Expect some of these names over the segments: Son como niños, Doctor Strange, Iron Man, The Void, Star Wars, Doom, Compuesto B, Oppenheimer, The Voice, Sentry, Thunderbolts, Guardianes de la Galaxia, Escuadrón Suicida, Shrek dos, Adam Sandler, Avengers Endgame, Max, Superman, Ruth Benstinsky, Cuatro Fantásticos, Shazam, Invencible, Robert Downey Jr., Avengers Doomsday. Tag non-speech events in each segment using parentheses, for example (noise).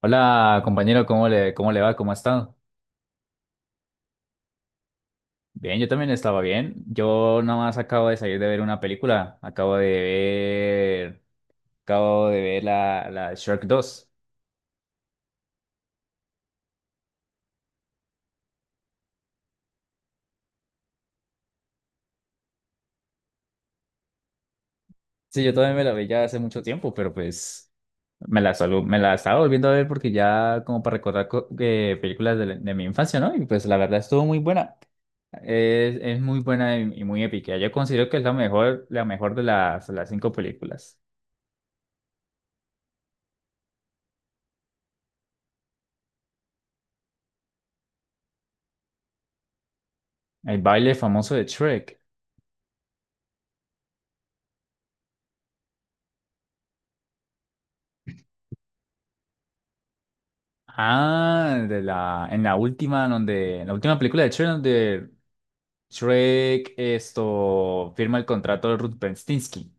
Hola compañero, cómo le va? ¿Cómo ha estado? Bien, yo también estaba bien. Yo nada más acabo de salir de ver una película. Acabo de ver la Shrek dos. Sí, yo también me la vi ya hace mucho tiempo, pero pues me la estaba volviendo a ver porque ya como para recordar películas de mi infancia, ¿no? Y pues la verdad estuvo muy buena. Es muy buena y muy épica. Yo considero que es la mejor de las cinco películas. El baile famoso de Shrek. En la última, en la última película de Shrek, donde Shrek firma el contrato de Ruth Benstinsky.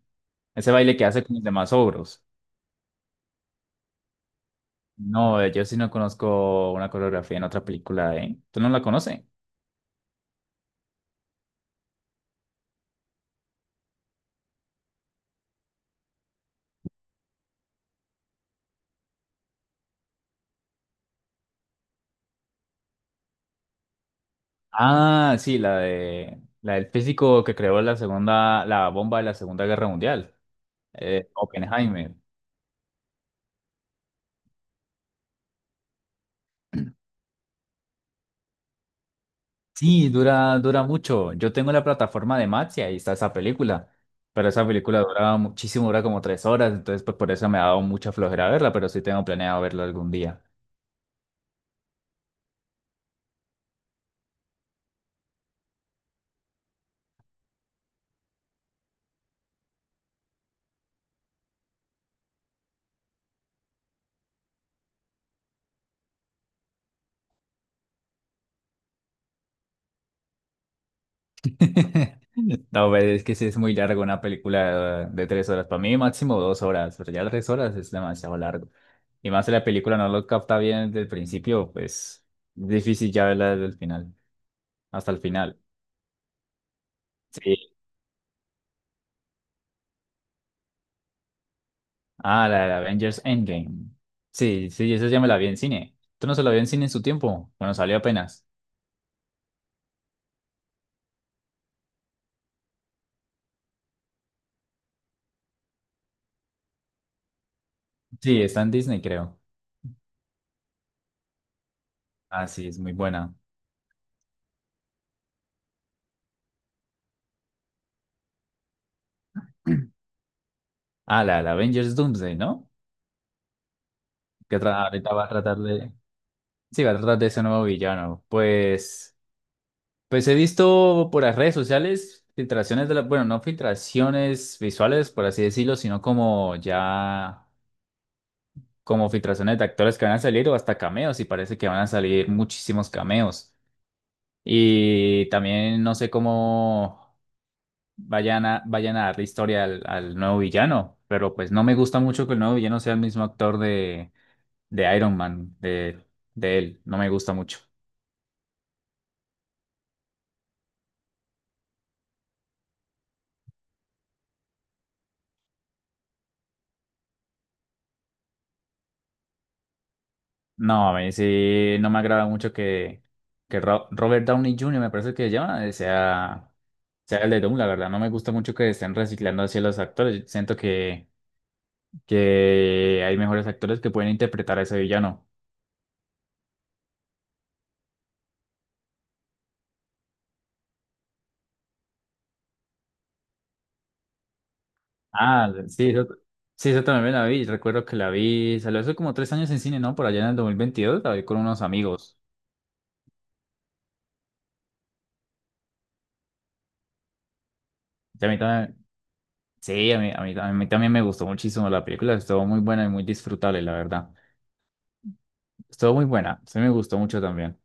Ese baile que hace con los demás ogros. No, yo sí no conozco una coreografía en otra película, ¿eh? ¿Tú no la conoces? La del físico que creó la bomba de la Segunda Guerra Mundial, Oppenheimer. Sí, dura mucho. Yo tengo la plataforma de Max y ahí está esa película. Pero esa película duraba muchísimo, dura como tres horas, entonces pues por eso me ha dado mucha flojera verla, pero sí tengo planeado verlo algún día. (laughs) No, pero es que sí es muy largo una película de tres horas. Para mí máximo dos horas, pero ya tres horas es demasiado largo. Y más si la película no lo capta bien desde el principio, pues difícil ya verla desde el final, hasta el final. Sí. Ah, la de Avengers Endgame. Sí, sí, esa ya me la vi en cine. ¿Tú no se la vi en cine en su tiempo? Bueno, salió apenas. Sí, está en Disney, creo. Ah, sí, es muy buena. Ah, la Avengers Doomsday, ¿no? Que tra- ahorita va a tratar de... Sí, va a tratar de ese nuevo villano. Pues he visto por las redes sociales filtraciones de la... Bueno, no filtraciones visuales, por así decirlo, sino como ya... como filtraciones de actores que van a salir o hasta cameos y parece que van a salir muchísimos cameos. Y también no sé cómo vayan a darle historia al nuevo villano, pero pues no me gusta mucho que el nuevo villano sea el mismo actor de Iron Man, de él, no me gusta mucho. No, a mí sí, no me agrada mucho que Ro- Robert Downey Jr., me parece que se llama, sea el de Doom, la verdad, no me gusta mucho que estén reciclando así a los actores, siento que hay mejores actores que pueden interpretar a ese villano. Ah, sí, yo, sí, yo también la vi. Recuerdo que la vi, salió hace como tres años en cine, ¿no? Por allá en el 2022 la vi con unos amigos. Y a mí también, sí, a mí también me gustó muchísimo la película. Estuvo muy buena y muy disfrutable, la verdad. Estuvo muy buena, sí me gustó mucho también.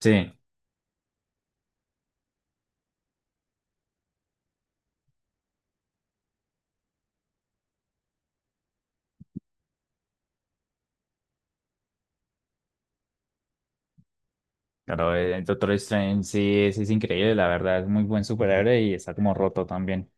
Sí, claro, el Doctor Strange sí, es increíble, la verdad. Es muy buen superhéroe y está como roto también.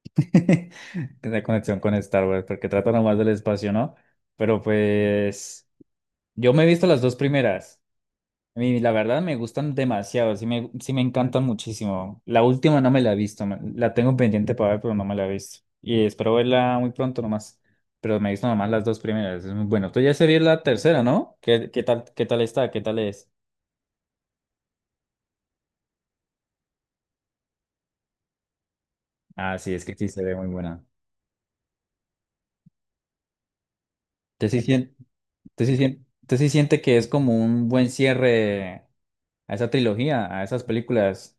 (laughs) Tiene conexión con Star Wars, porque trata nomás del espacio, ¿no? Pero pues, yo me he visto las dos primeras. A mí, la verdad, me gustan demasiado, sí me encantan muchísimo. La última no me la he visto, me- la tengo pendiente para ver, pero no me la he visto. Y espero verla muy pronto nomás. Pero me he visto nomás las dos primeras, es muy bueno. Tú ya se vio la tercera, ¿no? ¿Qué tal está? ¿Qué tal es? Ah, sí, es que sí se ve muy buena. Te sí sien- Te sí siente que es como un buen cierre a esa trilogía, a esas películas.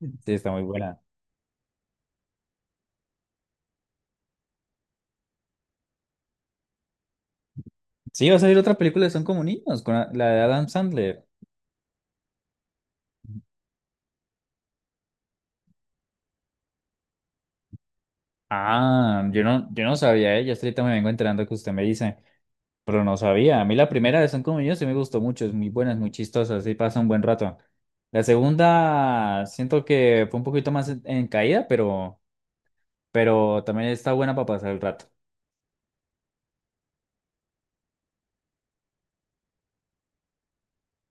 Sí, está muy buena. Sí, va a salir otra película de Son como niños, con la de Adam Sandler. Ah, yo no sabía, ¿eh? Yo hasta ahorita me vengo enterando que usted me dice, pero no sabía. A mí la primera de Son como yo sí me gustó mucho, es muy buena, es muy chistosa, sí pasa un buen rato. La segunda siento que fue un poquito más en caída, pero también está buena para pasar el rato.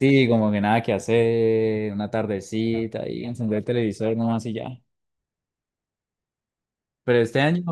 Sí, como que nada que hacer, una tardecita y encender el televisor nomás y ya. Pero este año,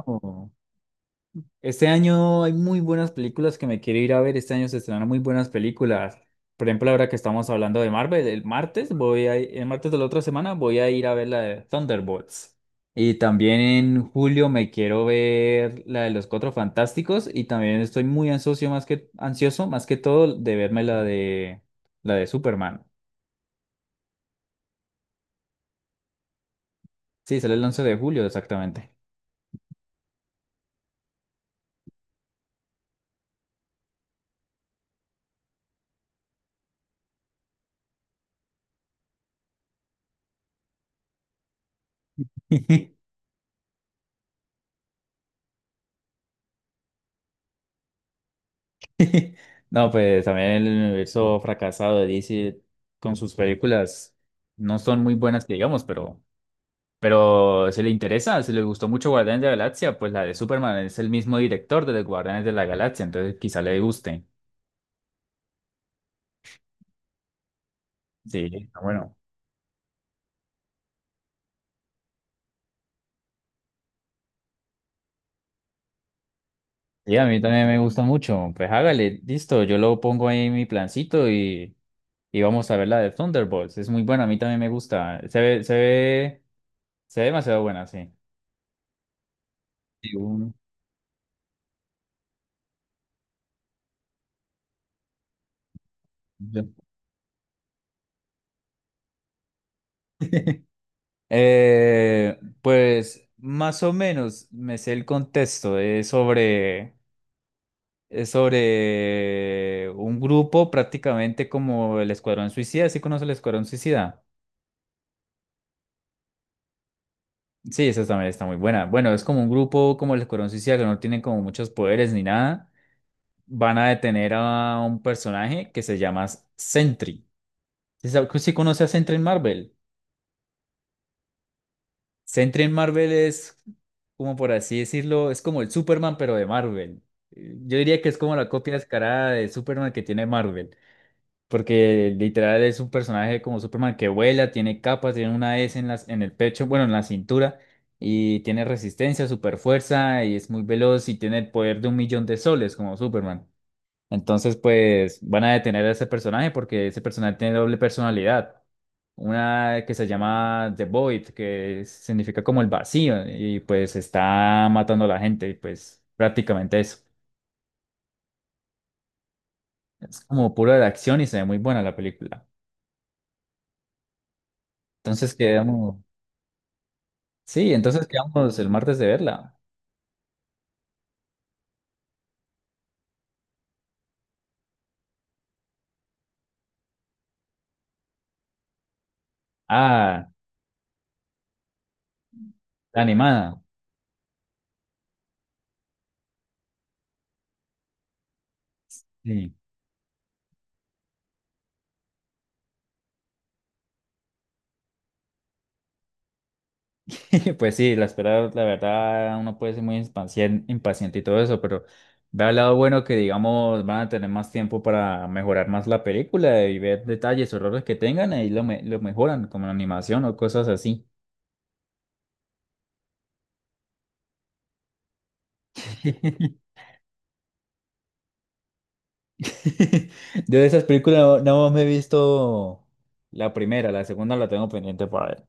Este año hay muy buenas películas que me quiero ir a ver. Este año se estrenan muy buenas películas. Por ejemplo, ahora que estamos hablando de Marvel, el martes de la otra semana voy a ir a ver la de Thunderbolts. Y también en julio me quiero ver la de los Cuatro Fantásticos y también estoy muy ansioso más que todo de verme la de Superman. Sí, sale el 11 de julio exactamente. (laughs) (laughs) No, pues también el universo fracasado de DC con sus películas no son muy buenas que digamos, pero si le interesa, si le gustó mucho Guardianes de la Galaxia, pues la de Superman es el mismo director de los Guardianes de la Galaxia, entonces quizá le guste. Sí, está bueno. Sí, a mí también me gusta mucho. Pues hágale, listo, yo lo pongo ahí en mi plancito y vamos a ver la de Thunderbolts. Es muy buena, a mí también me gusta. Se ve demasiado buena, sí. Sí, uno. (laughs) Pues más o menos me sé el contexto. Es sobre un grupo prácticamente como el Escuadrón Suicida. ¿Sí conoce el Escuadrón Suicida? Sí, esa también está muy buena. Bueno, es como un grupo como el Escuadrón Suicida que no tienen como muchos poderes ni nada. Van a detener a un personaje que se llama Sentry. ¿Sí, sabe- sí conoce a Sentry en Marvel? Sentry en Marvel es, Como por así decirlo, es como el Superman, pero de Marvel. Yo diría que es como la copia descarada de Superman que tiene Marvel, porque literal es un personaje como Superman que vuela, tiene capas, tiene una S en en el pecho, bueno, en la cintura, y tiene resistencia, super fuerza, y es muy veloz y tiene el poder de un millón de soles como Superman. Entonces, pues van a detener a ese personaje porque ese personaje tiene doble personalidad. Una que se llama The Void, que significa como el vacío, y pues está matando a la gente, y pues prácticamente eso. Es como pura de acción y se ve muy buena la película. Entonces quedamos, sí, entonces quedamos el martes de verla. Ah, la animada. Sí. (laughs) Pues sí, la espera, la verdad, uno puede ser muy impaciente y todo eso, pero ve al lado bueno que, digamos, van a tener más tiempo para mejorar más la película y ver detalles o errores que tengan, lo mejoran, como la animación o cosas así. (laughs) Yo de esas películas no me he visto la primera, la segunda la tengo pendiente para ver.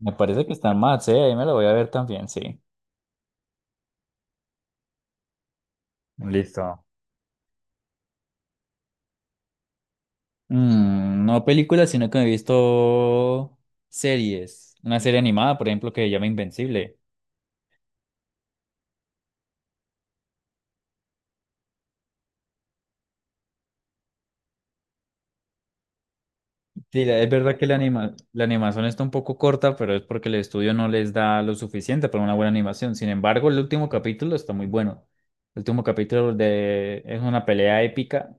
Me parece que está más, sí, ahí me la voy a ver también, sí. Listo. Mm, no películas, sino que me he visto series. Una serie animada, por ejemplo, que se llama Invencible. Sí, la- es verdad que la anima- la animación está un poco corta, pero es porque el estudio no les da lo suficiente para una buena animación. Sin embargo, el último capítulo está muy bueno. El último capítulo de... es una pelea épica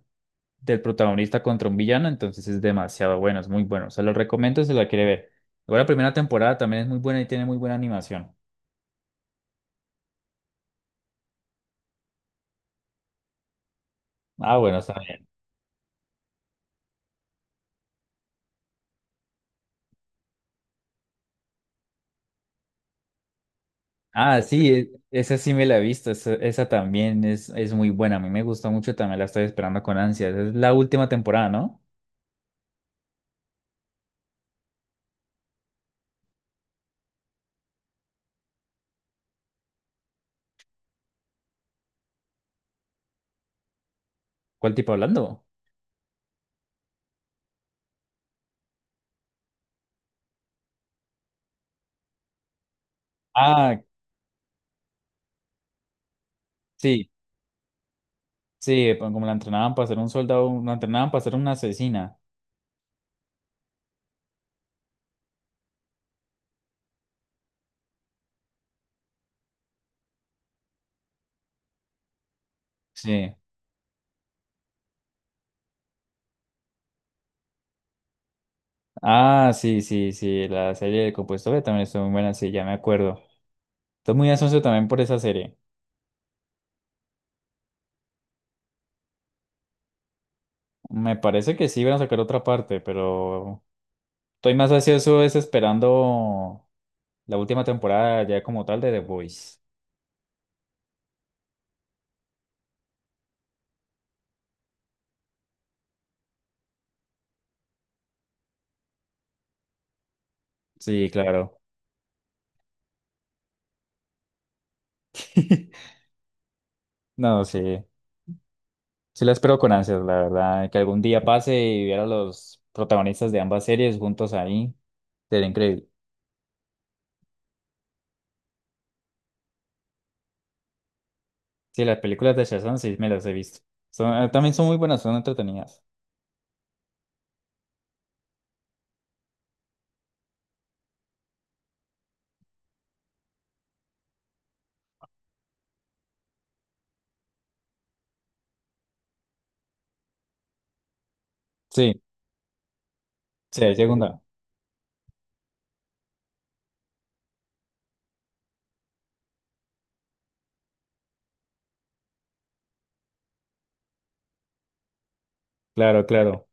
del protagonista contra un villano, entonces es demasiado bueno, es muy bueno. Se lo recomiendo si la quiere ver. Luego la primera temporada también es muy buena y tiene muy buena animación. Ah, bueno, está bien. Ah, sí, e- esa sí me la he visto, esa también es muy buena, a mí me gusta mucho, también la estoy esperando con ansias. Es la última temporada, ¿no? ¿Cuál tipo hablando? Ah, sí, sí, pa- como la entrenaban para ser un soldado, la entrenaban para ser una asesina. Sí. Ah, sí, sí, sí, la serie de Compuesto B también estuvo muy buena, sí, ya me acuerdo. Estoy muy ansioso también por esa serie. Me parece que sí van a sacar otra parte, pero estoy más ansioso es esperando la última temporada ya como tal de The Voice. Sí, claro. (laughs) No, sí. Sí la espero con ansias, la verdad. Que algún día pase y viera a los protagonistas de ambas series juntos ahí. Sería increíble. Sí, las películas de Shazam sí me las he visto. Son, también son muy buenas, son entretenidas. Sí, sí, hay segunda. Claro, claro.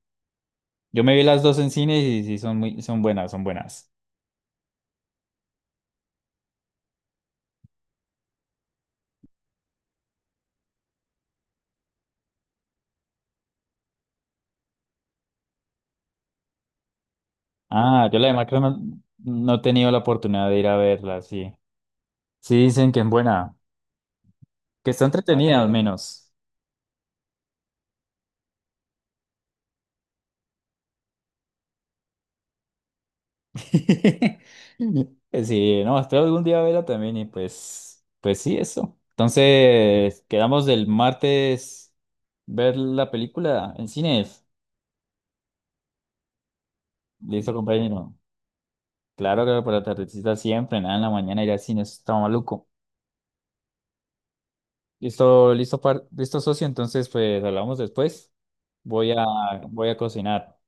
Yo me vi las dos en cine y sí son muy, son buenas, son buenas. Ah, yo la de Macron no he tenido la oportunidad de ir a verla, sí. Sí, dicen que es buena, que está entretenida al menos. (laughs) Sí, no, espero algún día verla también y pues, pues sí, eso. Entonces, quedamos del martes ver la película en cines. Listo, compañero. Claro que por la tardecita siempre, nada, en la mañana ir al cine, eso está maluco. Listo, socio. Entonces, pues hablamos después. Voy a, Voy a cocinar.